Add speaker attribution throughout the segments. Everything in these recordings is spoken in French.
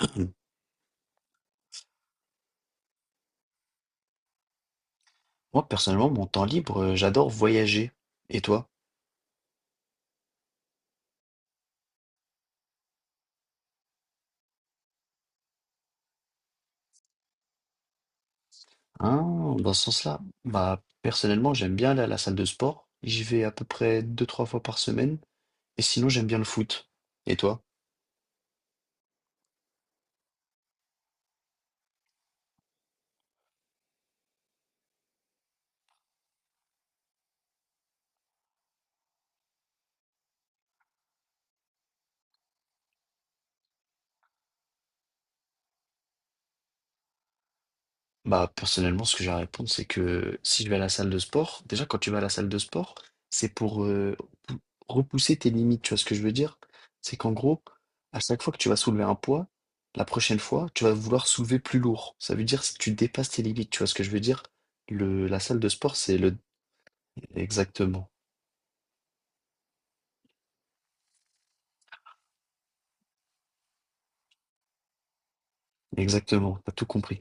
Speaker 1: Mmh. Moi, personnellement, mon temps libre, j'adore voyager et toi? Mmh. Ah, dans ce sens-là, bah, personnellement, j'aime bien aller à la salle de sport. J'y vais à peu près deux trois fois par semaine et sinon, j'aime bien le foot et toi? Bah, personnellement, ce que j'ai à répondre, c'est que si je vais à la salle de sport, déjà, quand tu vas à la salle de sport, c'est pour pou- repousser tes limites. Tu vois ce que je veux dire? C'est qu'en gros, à chaque fois que tu vas soulever un poids, la prochaine fois, tu vas vouloir soulever plus lourd. Ça veut dire si tu dépasses tes limites. Tu vois ce que je veux dire? La salle de sport, c'est le. Exactement. Exactement. T'as tout compris.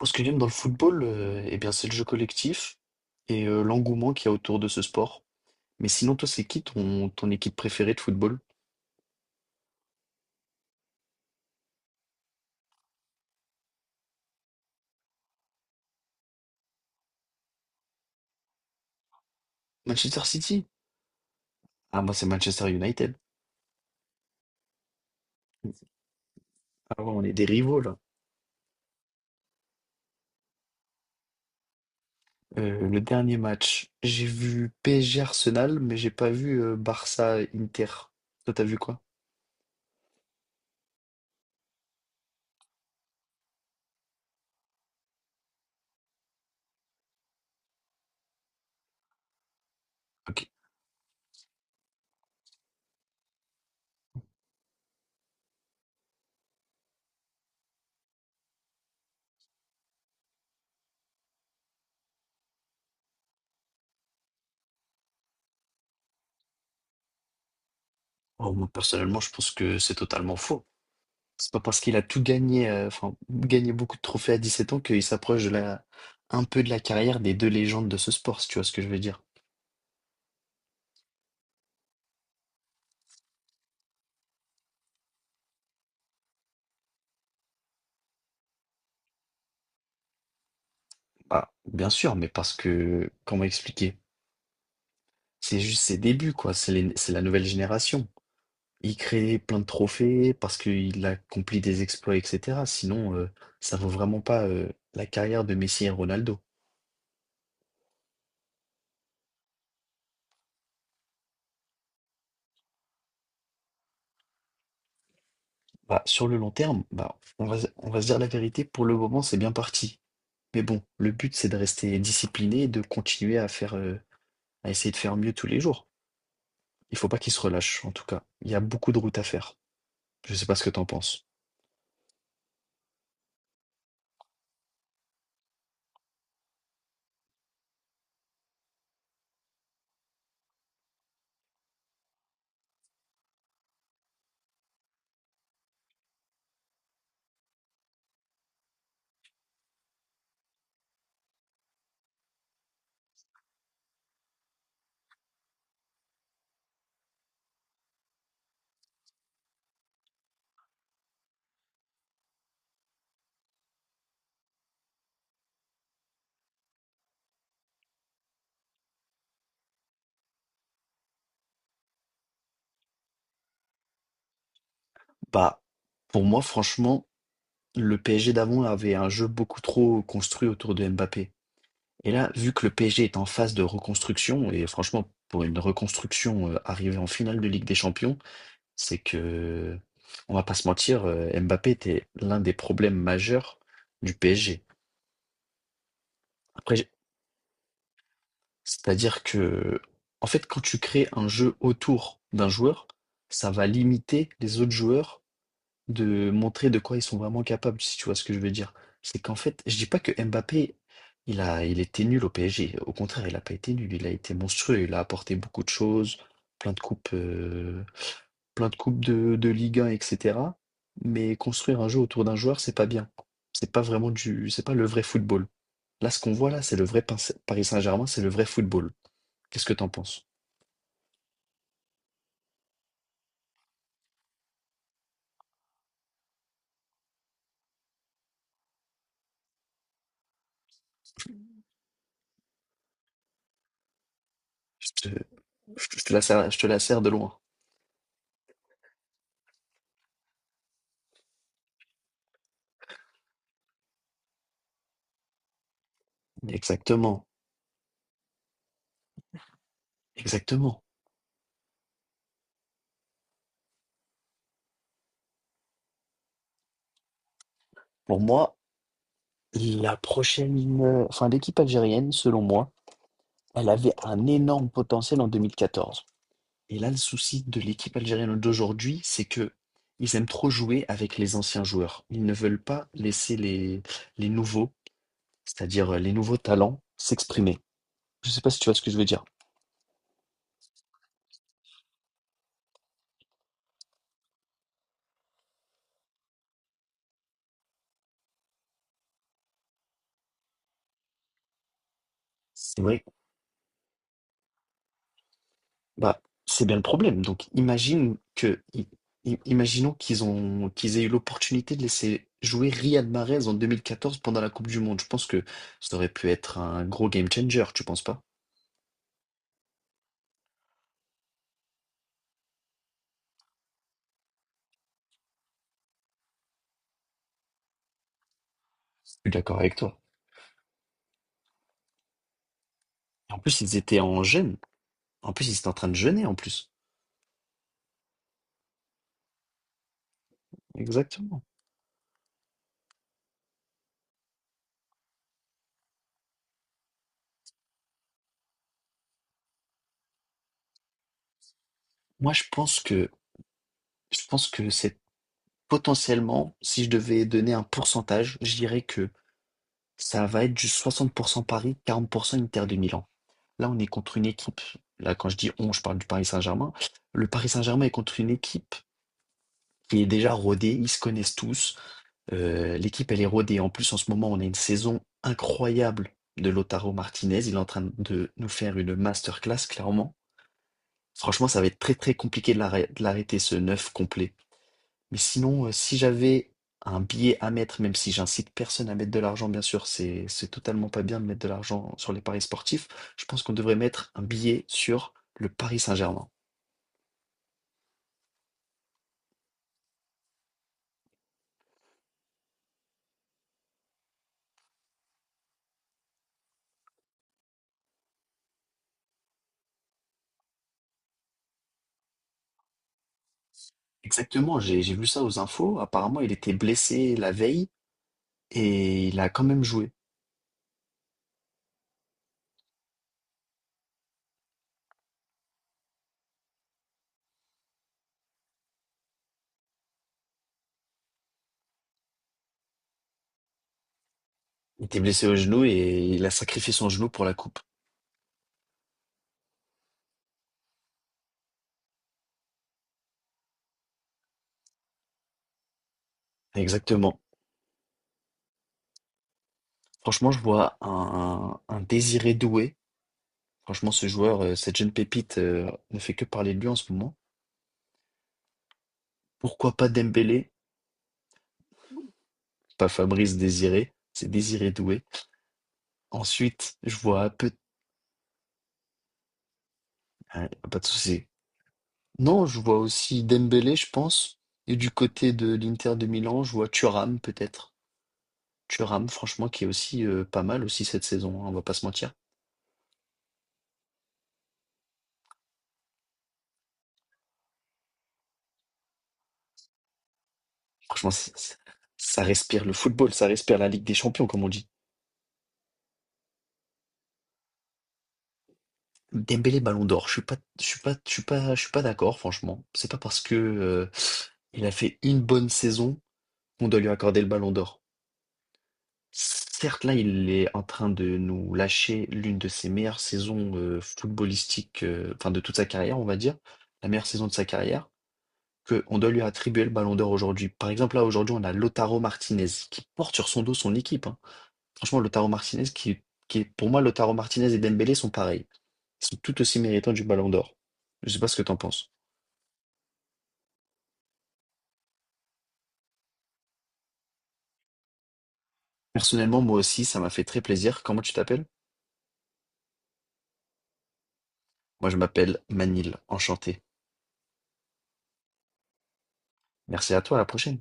Speaker 1: Moi, ce que j'aime dans le football, eh bien, c'est le jeu collectif et l'engouement qu'il y a autour de ce sport. Mais sinon, toi, c'est qui ton, ton équipe préférée de football? Manchester City? Ah, moi, c'est Manchester United. Ah ouais, on est des rivaux, là. Le dernier match, j'ai vu PSG Arsenal, mais j'ai pas vu Barça Inter. Toi, t'as vu quoi? Ok. Oh, moi, personnellement, je pense que c'est totalement faux. C'est pas parce qu'il a tout gagné, enfin, gagné beaucoup de trophées à 17 ans qu'il s'approche de la, un peu de la carrière des deux légendes de ce sport, si tu vois ce que je veux dire. Bah, bien sûr, mais parce que, comment expliquer? C'est juste ses débuts, quoi. C'est la nouvelle génération. Il crée plein de trophées parce qu'il accomplit des exploits, et cetera. Sinon, ça vaut vraiment pas, la carrière de Messi et Ronaldo. Bah, sur le long terme, bah, on va se dire la vérité, pour le moment, c'est bien parti. Mais bon, le but, c'est de rester discipliné et de continuer à faire, à essayer de faire mieux tous les jours. Il faut pas qu'il se relâche, en tout cas. Il y a beaucoup de route à faire. Je sais pas ce que t'en penses? Bah, pour moi, franchement, le PSG d'avant avait un jeu beaucoup trop construit autour de Mbappé. Et là, vu que le PSG est en phase de reconstruction, et franchement, pour une reconstruction arrivée en finale de Ligue des Champions, c'est que, on va pas se mentir, Mbappé était l'un des problèmes majeurs du PSG. Après, j- c'est-à-dire que, en fait, quand tu crées un jeu autour d'un joueur, ça va limiter les autres joueurs de montrer de quoi ils sont vraiment capables, si tu vois ce que je veux dire. C'est qu'en fait, je dis pas que Mbappé, il était nul au PSG. Au contraire, il a pas été nul, il a été monstrueux, il a apporté beaucoup de choses, plein de coupes, euh, plein de coupes de Ligue 1, etc. Mais construire un jeu autour d'un joueur, c'est pas bien. C'est pas le vrai football. Là, ce qu'on voit là, c'est le vrai Paris Saint-Germain, c'est le vrai football. Qu'est-ce que t'en penses? Je te, je te la serre, je te la sers de loin. Exactement, exactement. Pour moi, La prochaine, enfin l'équipe algérienne, selon moi, elle avait un énorme potentiel en 2014. Et là, le souci de l'équipe algérienne d'aujourd'hui, c'est que ils aiment trop jouer avec les anciens joueurs. Ils ne veulent pas laisser les nouveaux, c'est-à-dire les nouveaux talents, s'exprimer. Je ne sais pas si tu vois ce que je veux dire. C'est vrai. Bah, c'est bien le problème. Donc, imagine que, i- i- imaginons qu'ils ont, qu'ils aient eu l'opportunité de laisser jouer Riyad Mahrez en 2014 pendant la Coupe du Monde. Je pense que ça aurait pu être un gros game changer, tu penses pas? Je suis d'accord avec toi. Et en plus, ils étaient en jeûne. En plus, ils étaient en train de jeûner, en plus. Exactement. Moi, je pense que c'est potentiellement, si je devais donner un pourcentage, je dirais que ça va être du 60% Paris, 40% Inter de Milan. Là, on est contre une équipe. Là, quand je dis on, je parle du Paris Saint-Germain. Le Paris Saint-Germain est contre une équipe qui est déjà rodée. Ils se connaissent tous. L'équipe, elle est rodée. En plus, en ce moment, on a une saison incroyable de Lautaro Martinez. Il est en train de nous faire une masterclass, clairement. Franchement, ça va être très, très compliqué de l'arrêter, ce neuf complet. Mais sinon, si j'avais un billet à mettre, même si j'incite personne à mettre de l'argent, bien sûr, c'est totalement pas bien de mettre de l'argent sur les paris sportifs. Je pense qu'on devrait mettre un billet sur le Paris Saint-Germain. Exactement, j'ai vu ça aux infos. Apparemment, il était blessé la veille et il a quand même joué. Il était blessé au genou et il a sacrifié son genou pour la coupe. Exactement. Franchement, je vois un Désiré Doué. Franchement, ce joueur, cette jeune pépite, ne fait que parler de lui en ce moment. Pourquoi pas Dembélé? Pas Fabrice Désiré, c'est Désiré Doué. Ensuite, je vois peut hein, pas de souci. Non, je vois aussi Dembélé, je pense. Et du côté de l'Inter de Milan, je vois Thuram peut-être. Thuram, franchement, qui est aussi pas mal aussi cette saison, hein, on va pas se mentir. Franchement, ça respire le football, ça respire la Ligue des Champions, comme on dit. Dembélé Ballon d'Or, je suis pas, je suis pas, je suis pas, je suis pas d'accord, franchement. C'est pas parce que il a fait une bonne saison qu'on doit lui accorder le Ballon d'Or. Certes, là, il est en train de nous lâcher l'une de ses meilleures saisons footballistiques, enfin de toute sa carrière, on va dire, la meilleure saison de sa carrière, que on doit lui attribuer le Ballon d'Or aujourd'hui. Par exemple, là, aujourd'hui, on a Lautaro Martinez qui porte sur son dos son équipe, hein. Franchement, Lautaro Martinez, qui est, pour moi, Lautaro Martinez et Dembélé sont pareils. Ils sont tout aussi méritants du Ballon d'Or. Je sais pas ce que t'en penses. Personnellement, moi aussi, ça m'a fait très plaisir. Comment tu t'appelles? Moi, je m'appelle Manil. Enchanté. Merci à toi, à la prochaine.